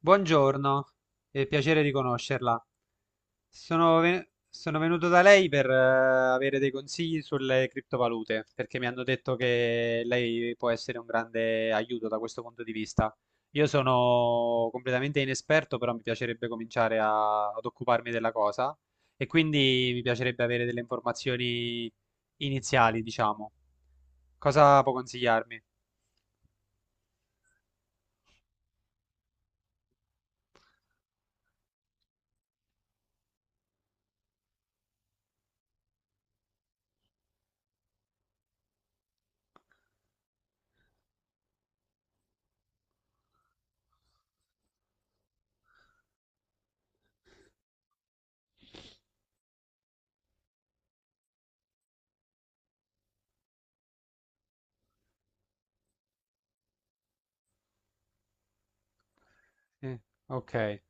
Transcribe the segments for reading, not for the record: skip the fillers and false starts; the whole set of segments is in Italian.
Buongiorno, è piacere di conoscerla. Sono venuto da lei per avere dei consigli sulle criptovalute, perché mi hanno detto che lei può essere un grande aiuto da questo punto di vista. Io sono completamente inesperto, però mi piacerebbe cominciare ad occuparmi della cosa e quindi mi piacerebbe avere delle informazioni iniziali, diciamo. Cosa può consigliarmi? Eh, ok,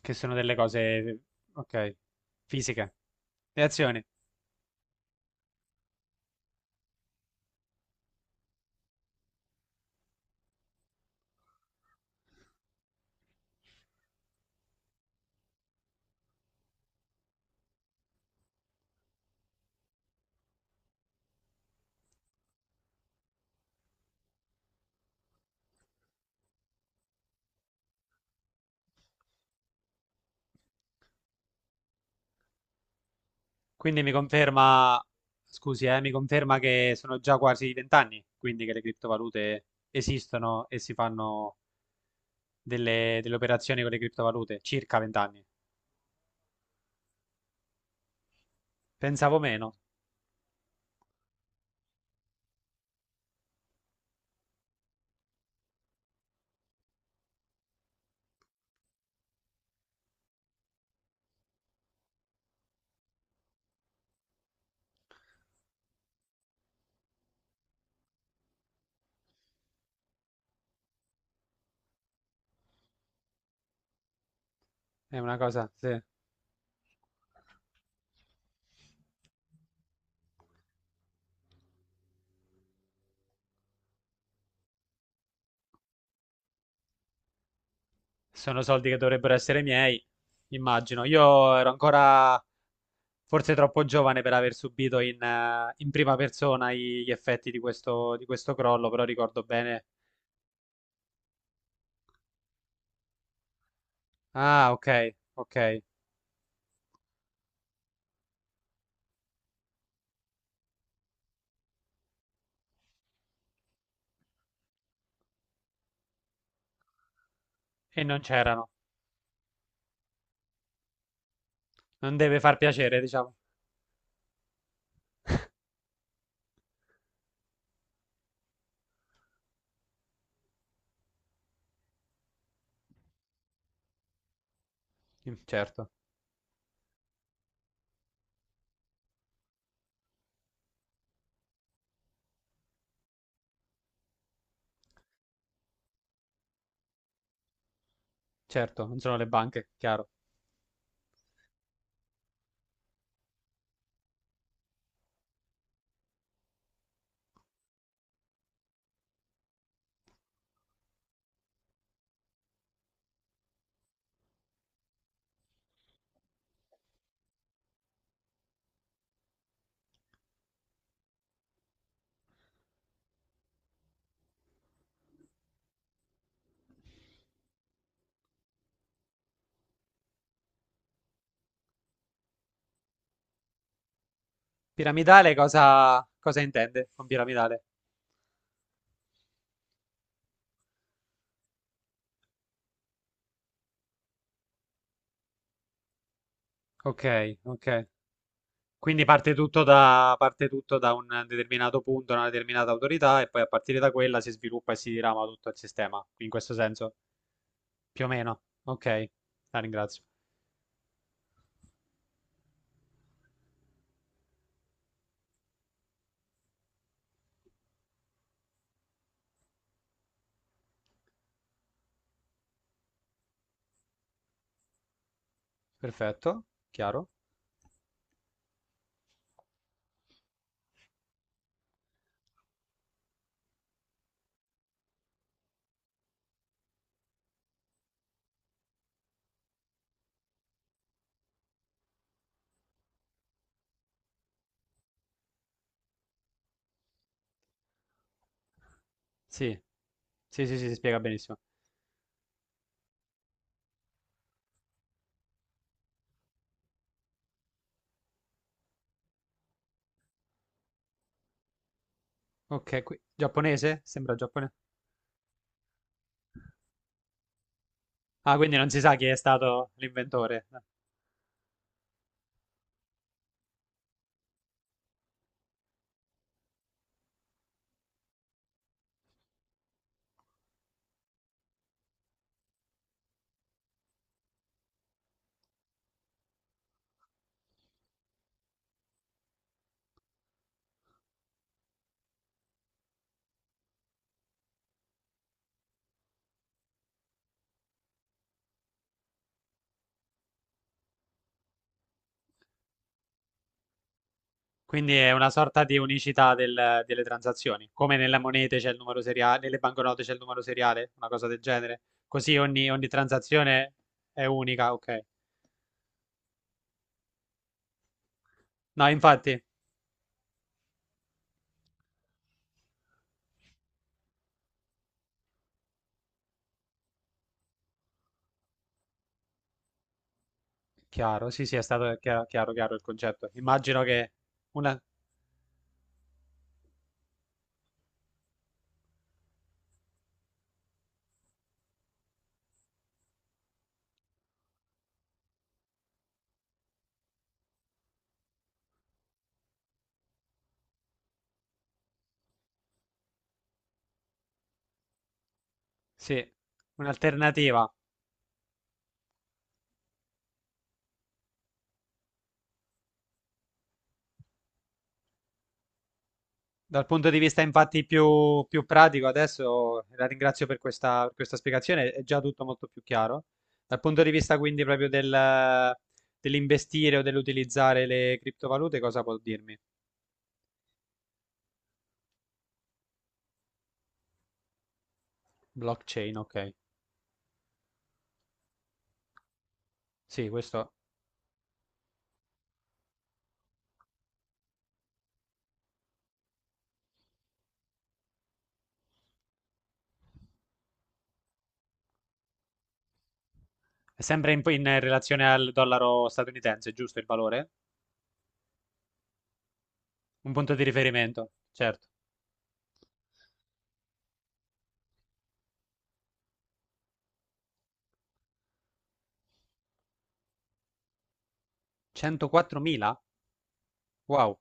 che sono delle cose, ok, fisiche. Le azioni. Quindi mi conferma, Scusi, mi conferma che sono già quasi vent'anni, quindi che le criptovalute esistono e si fanno delle operazioni con le criptovalute, circa vent'anni. Pensavo meno, è una cosa, sì. Sono soldi che dovrebbero essere miei, immagino. Io ero ancora forse troppo giovane per aver subito in prima persona gli effetti di questo crollo, però ricordo bene. Ah, ok, ok. E non c'erano. Non deve far piacere, diciamo. Mm, certo, certo, non sono le banche, chiaro. Piramidale cosa, cosa intende con piramidale? Ok, ok. Quindi parte tutto da un determinato punto, una determinata autorità, e poi a partire da quella si sviluppa e si dirama tutto il sistema. In questo senso, più o meno. Ok, la ringrazio. Perfetto, chiaro? Sì, sì, sì, sì, si spiega benissimo. Ok, giapponese? Sembra giapponese. Ah, quindi non si sa chi è stato l'inventore. Quindi è una sorta di unicità delle transazioni, come nelle monete c'è il numero seriale, nelle banconote c'è il numero seriale, una cosa del genere. Così ogni transazione è unica, ok. No, infatti, chiaro, sì, sì, è stato chiaro, chiaro, chiaro il concetto. Immagino che una, sì, un'alternativa. Dal punto di vista infatti più pratico, adesso la ringrazio per questa spiegazione, è già tutto molto più chiaro. Dal punto di vista quindi proprio dell'investire o dell'utilizzare le criptovalute, cosa può dirmi? Blockchain, ok. Sì, questo è sempre in relazione al dollaro statunitense, giusto il valore? Un punto di riferimento, certo. 104.000? Wow.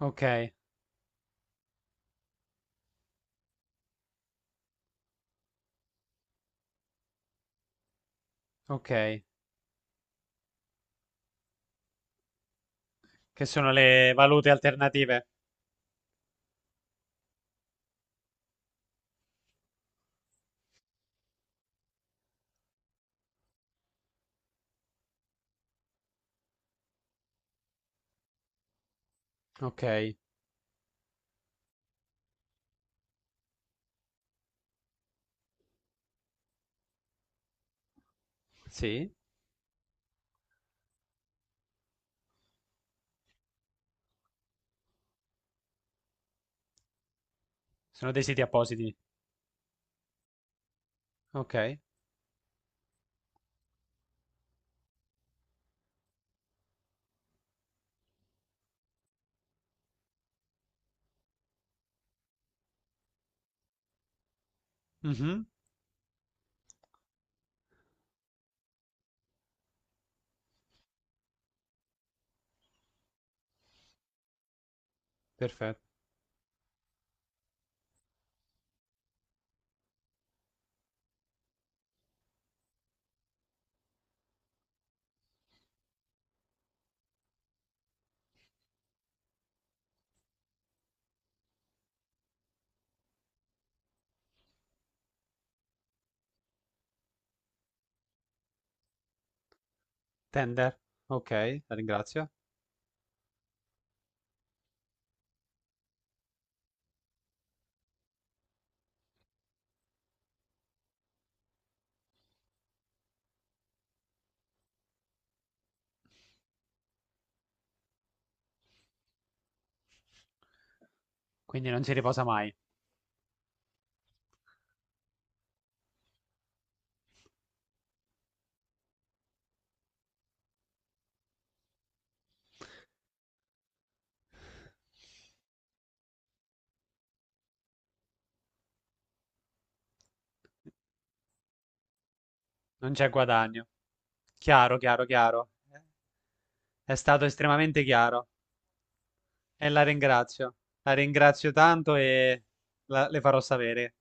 Ok, ok. Che sono le valute alternative? Ok, sì. Sono dei siti appositi. Okay. Mh-mh. Perfe tender. Okay, la ringrazio. Quindi non si riposa mai. Non c'è guadagno. Chiaro, chiaro, chiaro. È stato estremamente chiaro e la ringrazio. La ringrazio tanto e la le farò sapere.